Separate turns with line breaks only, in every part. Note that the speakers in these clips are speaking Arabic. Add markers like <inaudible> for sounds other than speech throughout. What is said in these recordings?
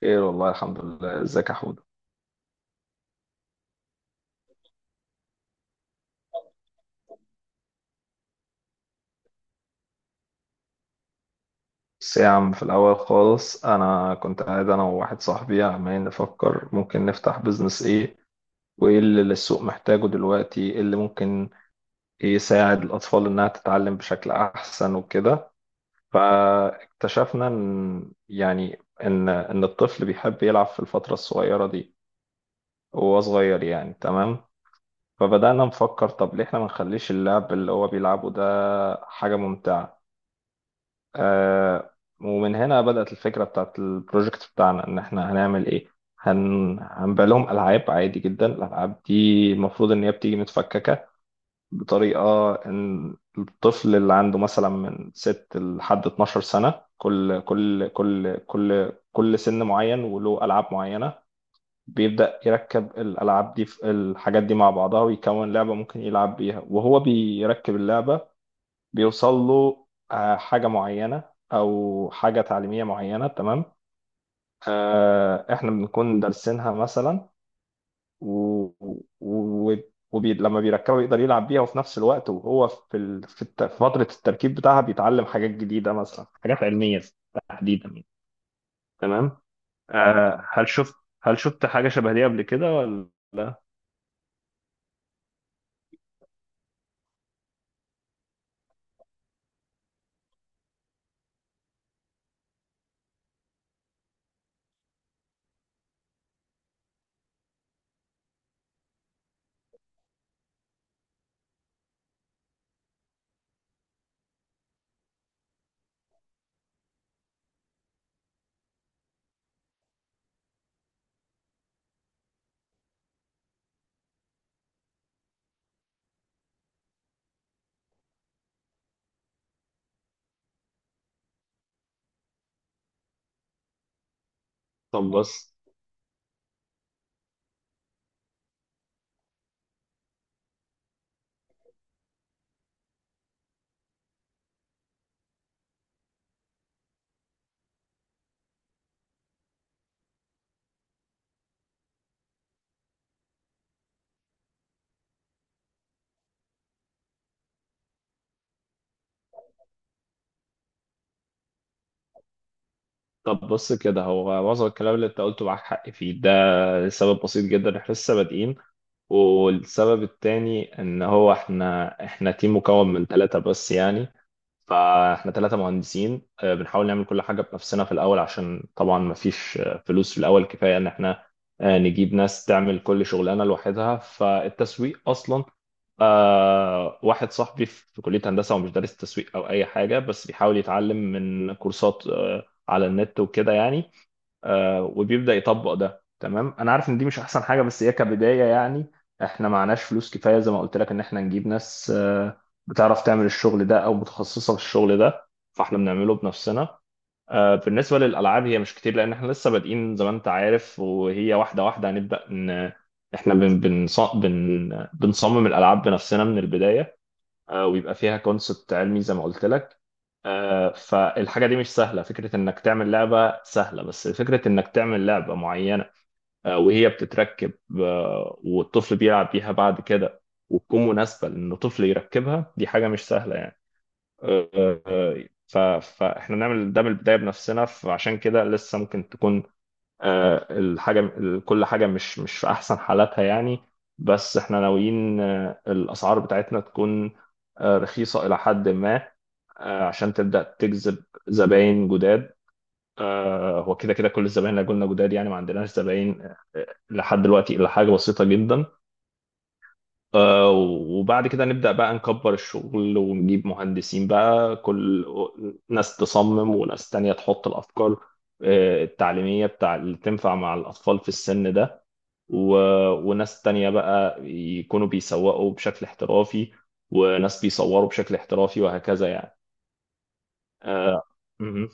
خير والله الحمد لله، ازيك يا حمود؟ بس يا عم في الأول خالص، أنا كنت قاعد أنا وواحد صاحبي عمالين نفكر ممكن نفتح بيزنس إيه، وإيه اللي السوق محتاجه دلوقتي، إيه اللي ممكن يساعد الأطفال إنها تتعلم بشكل أحسن وكده. فاكتشفنا إن، يعني، إن الطفل بيحب يلعب في الفترة الصغيرة دي وهو صغير يعني. تمام. فبدأنا نفكر، طب ليه إحنا ما نخليش اللعب اللي هو بيلعبه ده حاجة ممتعة. آه. ومن هنا بدأت الفكرة بتاعت البروجكت بتاعنا، إن إحنا هنعمل إيه. هنبيع لهم ألعاب عادي جدا. الألعاب دي المفروض إن هي بتيجي متفككة بطريقة إن الطفل اللي عنده مثلا من 6 لحد 12 سنة، كل سن معين وله ألعاب معينة. بيبدأ يركب الألعاب دي في الحاجات دي مع بعضها، ويكون لعبة ممكن يلعب بيها وهو بيركب اللعبة. بيوصل له، حاجة معينة. أو حاجة تعليمية معينة، تمام. إحنا بنكون دارسينها مثلا. و... و... لما بيركبها يقدر يلعب بيها، وفي نفس الوقت وهو في فترة التركيب بتاعها بيتعلم حاجات جديدة، مثلا حاجات علمية تحديدا يعني. تمام. آه، هل شفت هل شفت حاجة شبه دي قبل كده ولا؟ طب بص طب بص كده، هو معظم الكلام اللي انت قلته معاك حق فيه ده، لسبب بسيط جدا، احنا لسه بادئين. والسبب التاني ان هو احنا تيم مكون من ثلاثة بس يعني. فاحنا ثلاثة مهندسين، بنحاول نعمل كل حاجة بنفسنا في الاول، عشان طبعا ما فيش فلوس في الاول كفاية ان احنا نجيب ناس تعمل كل شغلانة لوحدها. فالتسويق اصلا، واحد صاحبي في كلية هندسة ومش دارس تسويق او اي حاجة، بس بيحاول يتعلم من كورسات على النت وكده يعني، وبيبدأ يطبق ده. تمام، انا عارف ان دي مش احسن حاجة بس هي كبداية يعني. احنا معناش فلوس كفاية زي ما قلت لك ان احنا نجيب ناس بتعرف تعمل الشغل ده او متخصصة في الشغل ده، فاحنا بنعمله بنفسنا. بالنسبة للألعاب، هي مش كتير لأن احنا لسه بادئين زي ما انت عارف، وهي واحدة واحدة هنبدأ. ان احنا بن بنص- بن بنصمم الألعاب بنفسنا من البداية. ويبقى فيها كونسبت علمي زي ما قلت لك. فالحاجة دي مش سهلة، فكرة إنك تعمل لعبة سهلة، بس فكرة إنك تعمل لعبة معينة وهي بتتركب والطفل بيلعب بيها بعد كده، وتكون مناسبة لأنه طفل يركبها، دي حاجة مش سهلة يعني. آه، آه، آه، ف- فإحنا نعمل ده من البداية بنفسنا. فعشان كده لسه ممكن تكون، كل حاجة مش في أحسن حالاتها يعني. بس احنا ناويين الأسعار بتاعتنا تكون رخيصة إلى حد ما، عشان تبدأ تجذب زباين جداد. هو كده كده، كل الزباين اللي قلنا جداد يعني، ما عندناش زباين لحد دلوقتي إلا حاجة بسيطة جدا. وبعد كده نبدأ بقى نكبر الشغل، ونجيب مهندسين بقى، كل ناس تصمم وناس تانية تحط الأفكار التعليمية بتاع اللي تنفع مع الأطفال في السن ده. و... وناس تانية بقى يكونوا بيسوقوا بشكل احترافي، وناس بيصوروا بشكل احترافي وهكذا يعني. آه، مهم.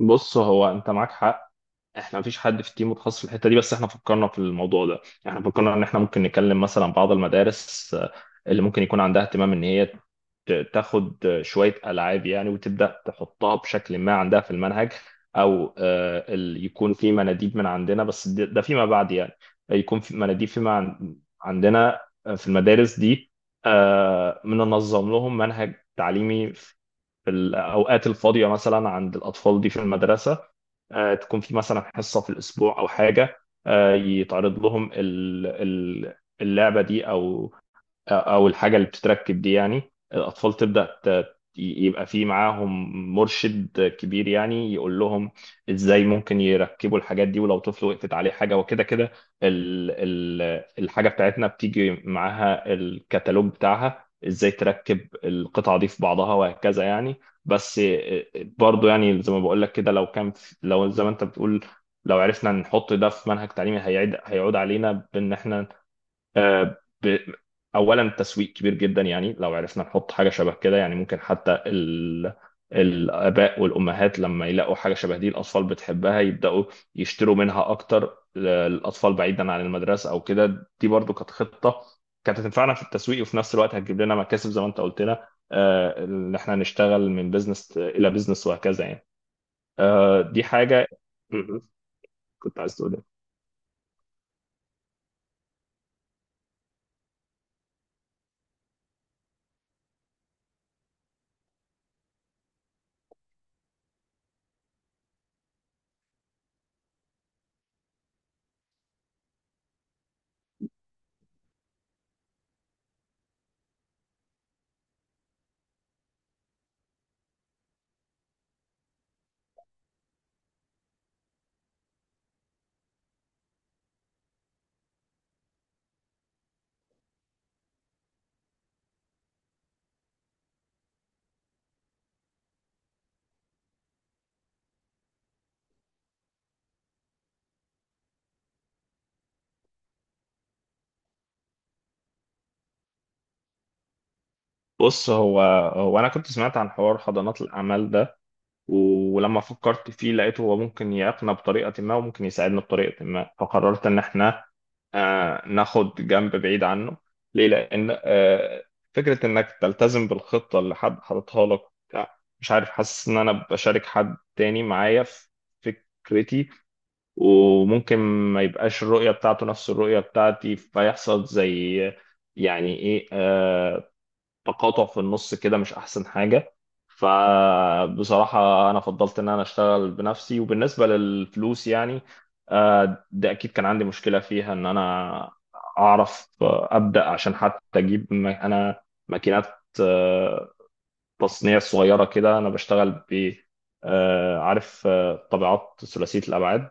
بص، هو انت معاك حق، احنا مفيش حد في التيم متخصص في الحتة دي، بس احنا فكرنا في الموضوع ده. احنا فكرنا ان احنا ممكن نكلم مثلا بعض المدارس اللي ممكن يكون عندها اهتمام ان هي تاخد شوية ألعاب يعني، وتبدأ تحطها بشكل ما عندها في المنهج. أو يكون في مناديب من عندنا، بس ده فيما بعد يعني. يكون في مناديب عندنا، في المدارس دي، بننظم لهم منهج تعليمي في الأوقات الفاضية مثلا عند الأطفال دي في المدرسة. تكون في مثلا حصة في الأسبوع أو حاجة، يتعرض لهم اللعبة دي، أو الحاجه اللي بتتركب دي يعني. الاطفال تبدا يبقى في معاهم مرشد كبير يعني، يقول لهم ازاي ممكن يركبوا الحاجات دي، ولو طفل وقفت عليه حاجه وكده كده، ال ال الحاجه بتاعتنا بتيجي معاها الكتالوج بتاعها ازاي تركب القطعه دي في بعضها وهكذا يعني. بس برضو يعني زي ما بقول لك كده، لو زي ما انت بتقول، لو عرفنا نحط ده في منهج تعليمي هيعود علينا بان احنا، آه، ب- اولا تسويق كبير جدا يعني. لو عرفنا نحط حاجه شبه كده يعني، ممكن حتى الاباء والامهات لما يلاقوا حاجه شبه دي الاطفال بتحبها يبداوا يشتروا منها اكتر. الاطفال بعيدا عن المدرسه او كده، دي برضو كانت خطه، كانت هتنفعنا في التسويق وفي نفس الوقت هتجيب لنا مكاسب زي ما انت قلت لنا، ان احنا نشتغل من بزنس الى بزنس وهكذا يعني. دي حاجه مهم. كنت عايز تقول إيه؟ بص، هو انا كنت سمعت عن حوار حضانات الاعمال ده، ولما فكرت فيه لقيته هو ممكن يعيقنا بطريقة ما وممكن يساعدنا بطريقة ما، فقررت إن إحنا ناخد جنب بعيد عنه. ليه؟ لأن فكرة إنك تلتزم بالخطة اللي حد حاططها لك، بتاع، مش عارف، حاسس إن أنا بشارك حد تاني معايا في فكرتي، وممكن ما يبقاش الرؤية بتاعته نفس الرؤية بتاعتي، فيحصل زي يعني إيه تقاطع في النص كده، مش احسن حاجه. فبصراحه انا فضلت ان انا اشتغل بنفسي. وبالنسبه للفلوس يعني، ده اكيد كان عندي مشكله فيها، ان انا اعرف ابدا، عشان حتى اجيب انا ماكينات آه، تصنيع صغيره كده، انا بشتغل ب عارف، طابعات ثلاثيه الابعاد.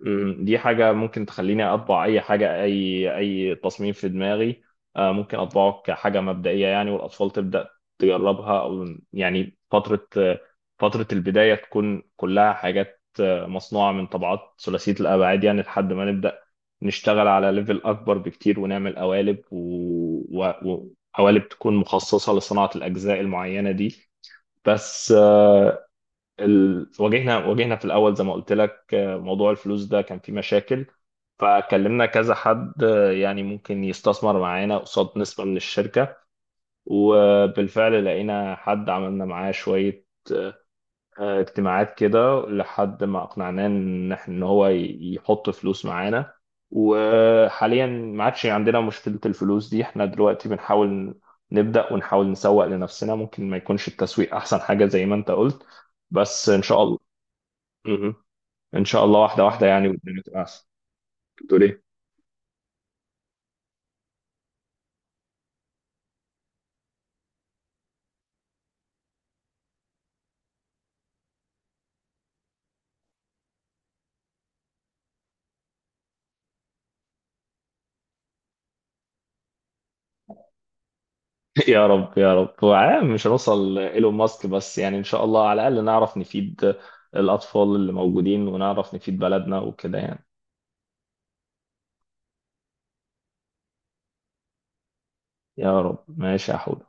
دي حاجة ممكن تخليني أطبع أي حاجة، أي تصميم في دماغي. ممكن أطبعه كحاجة مبدئية يعني، والأطفال تبدأ تجربها أو يعني. فترة البداية تكون كلها حاجات مصنوعة من طبعات ثلاثية الأبعاد يعني، لحد ما نبدأ نشتغل على ليفل أكبر بكتير، ونعمل قوالب وقوالب تكون مخصصة لصناعة الأجزاء المعينة دي. بس واجهنا في الاول زي ما قلت لك، موضوع الفلوس ده كان فيه مشاكل. فكلمنا كذا حد يعني ممكن يستثمر معانا قصاد نسبة من الشركة. وبالفعل لقينا حد عملنا معاه شوية اجتماعات كده، لحد ما اقنعناه ان إن هو يحط فلوس معانا. وحاليا ما عادش عندنا مشكلة الفلوس دي، احنا دلوقتي بنحاول نبدأ ونحاول نسوق لنفسنا، ممكن ما يكونش التسويق احسن حاجة زي ما انت قلت، بس ان شاء الله. ان شاء الله، واحده واحده يعني، والدنيا تبقى احسن. بتقول ايه؟ <laughs> يا رب يا رب، هو عام مش هنوصل ايلون ماسك، بس يعني ان شاء الله على الاقل نعرف نفيد الاطفال اللي موجودين، ونعرف نفيد بلدنا وكده يعني. يا رب، ماشي يا حود.